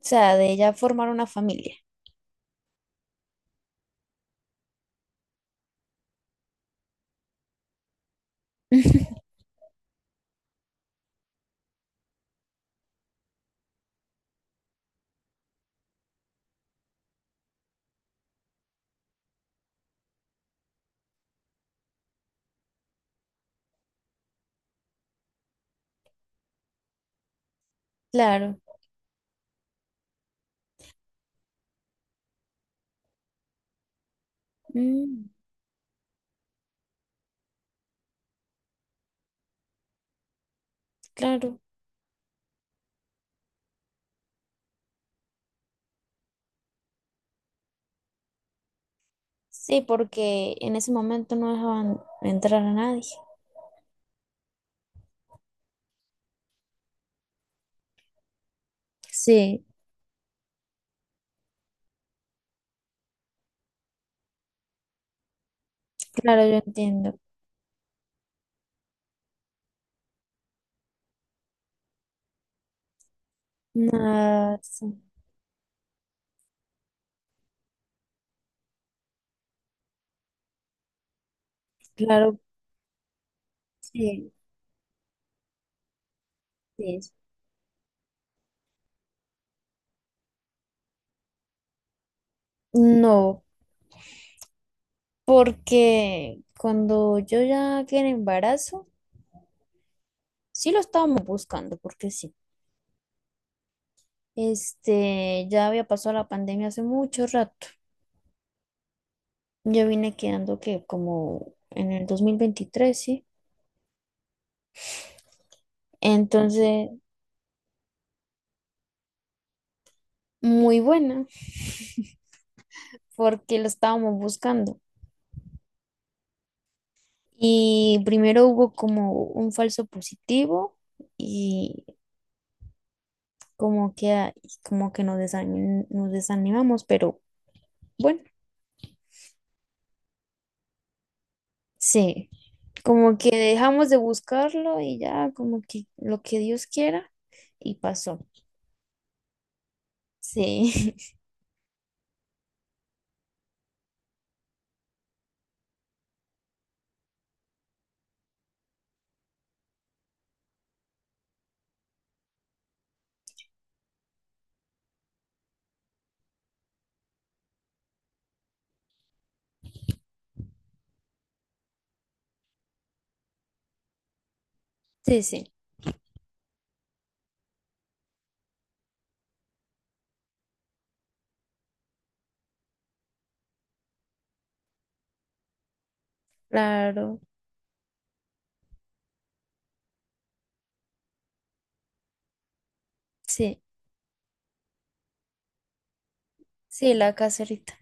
O sea, de ya formar una familia. Claro, mm, claro. Sí, porque en ese momento no dejaban entrar a nadie. Sí, claro, yo entiendo. Nada, sí, claro, sí, sí. No, porque cuando yo ya quedé en embarazo, sí lo estábamos buscando, porque sí. Este, ya había pasado la pandemia hace mucho rato. Yo vine quedando que como en el 2023, sí. Entonces, muy buena, porque lo estábamos buscando. Y primero hubo como un falso positivo y como que, y como que nos desanimamos, pero bueno, sí, como que dejamos de buscarlo y ya como que lo que Dios quiera y pasó. Sí, sí, sí, claro, sí, sí, la caserita.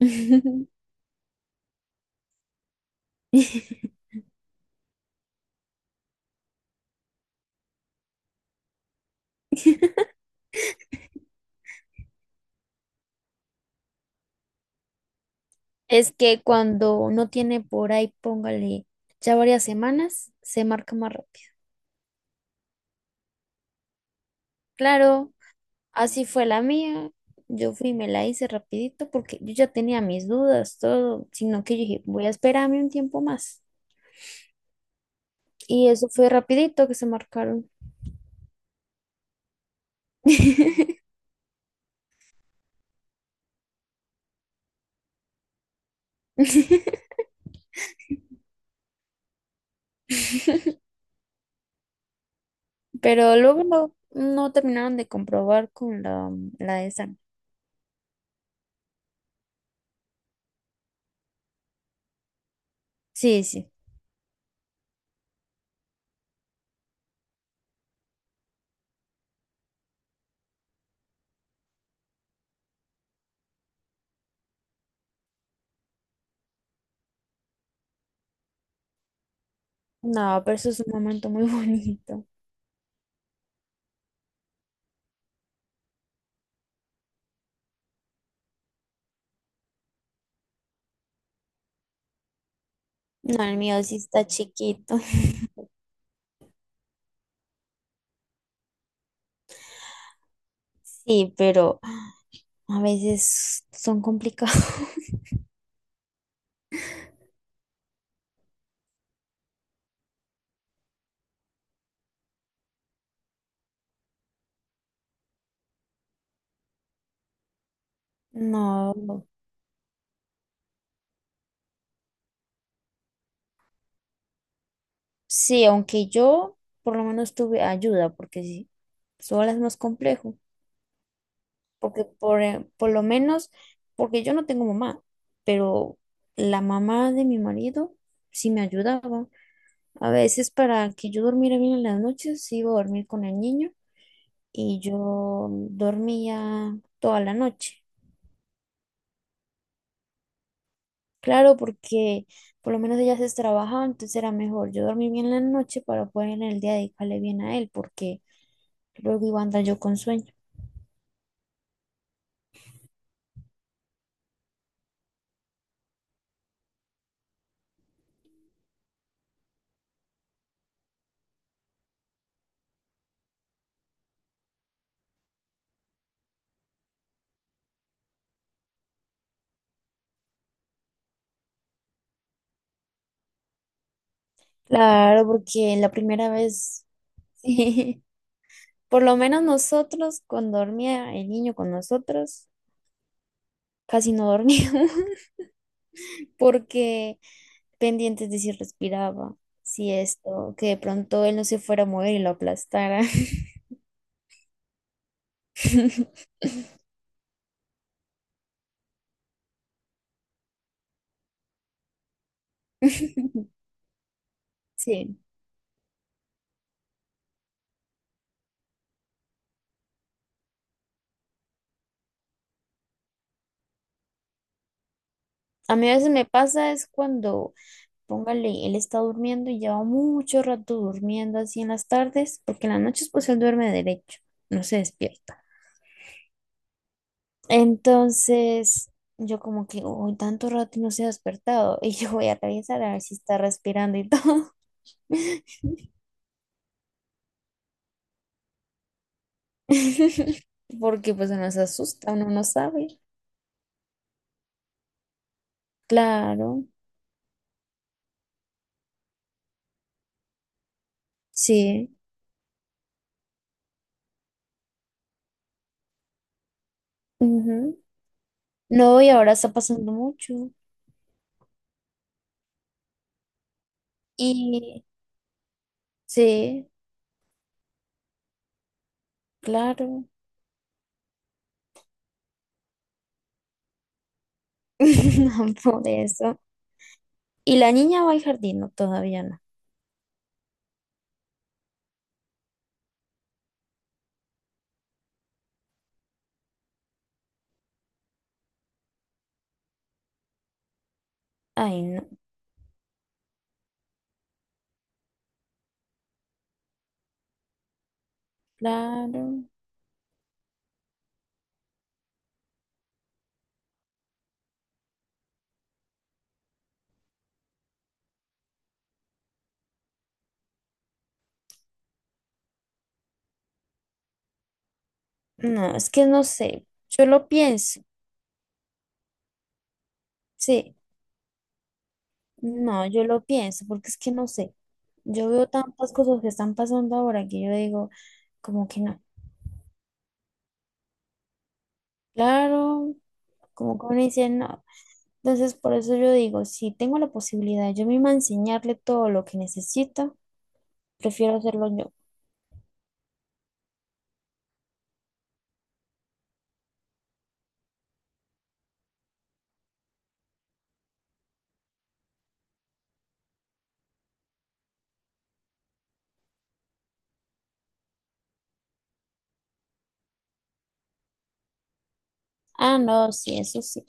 Es que cuando no tiene por ahí, póngale ya varias semanas, se marca más rápido. Claro, así fue la mía. Yo fui y me la hice rapidito porque yo ya tenía mis dudas, todo, sino que yo dije, voy a esperarme un tiempo más. Y eso fue rapidito que se marcaron. Pero luego no, no terminaron de comprobar con la, la de esa. Sí, sí. No, pero eso es un momento muy bonito. No, el mío sí está chiquito. Sí, pero a veces son complicados. No, sí, aunque yo por lo menos tuve ayuda, porque sí, sola es más complejo, porque por lo menos, porque yo no tengo mamá, pero la mamá de mi marido sí me ayudaba. A veces para que yo durmiera bien en las noches, iba a dormir con el niño y yo dormía toda la noche. Claro, porque por lo menos ella se trabajaba, entonces era mejor yo dormí bien la noche para poder en el día dedicarle bien a él, porque luego iba a andar yo con sueño. Claro, porque la primera vez, sí, por lo menos nosotros, cuando dormía el niño con nosotros, casi no dormíamos, porque pendientes de si respiraba, si esto, que de pronto él no se fuera a mover y lo aplastara. Sí, a mí a veces me pasa es cuando póngale, él está durmiendo y lleva mucho rato durmiendo así en las tardes, porque en las noches pues él duerme derecho, no se despierta. Entonces yo como que, uy, tanto rato y no se ha despertado y yo voy a revisar a ver si está respirando y todo, porque pues uno se asusta, uno no sabe. Claro, sí. Ujú. No, y ahora está pasando mucho. Y sí, claro, por eso. Y la niña va al jardín, no, todavía no. Ay, no, claro. No, es que no sé. Yo lo pienso. Sí, no, yo lo pienso porque es que no sé. Yo veo tantas cosas que están pasando ahora que yo digo, como que no. Claro, como que uno dice no. Entonces, por eso yo digo, si tengo la posibilidad yo misma de enseñarle todo lo que necesita, prefiero hacerlo yo. Ah, no, sí, eso sí.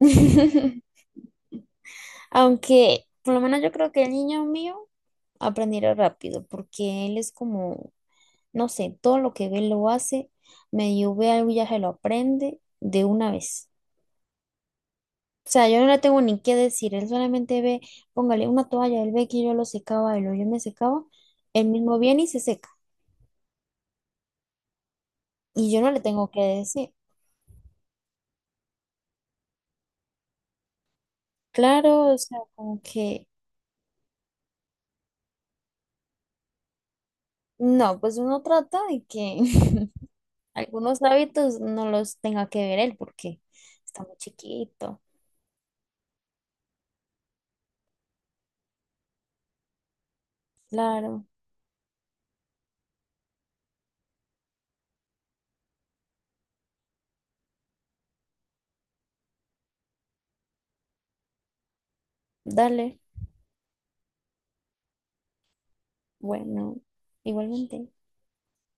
Aunque, por lo menos yo creo que el niño mío aprenderá rápido porque él es como, no sé, todo lo que ve lo hace, medio ve algo y ya se lo aprende de una vez. O sea, yo no le tengo ni qué decir, él solamente ve, póngale una toalla, él ve que yo lo secaba, él o yo me secaba, él mismo viene y se seca. Y yo no le tengo que decir. Claro, o sea, como que no, pues uno trata de que algunos hábitos no los tenga que ver él porque está muy chiquito. Claro, dale, bueno, igualmente.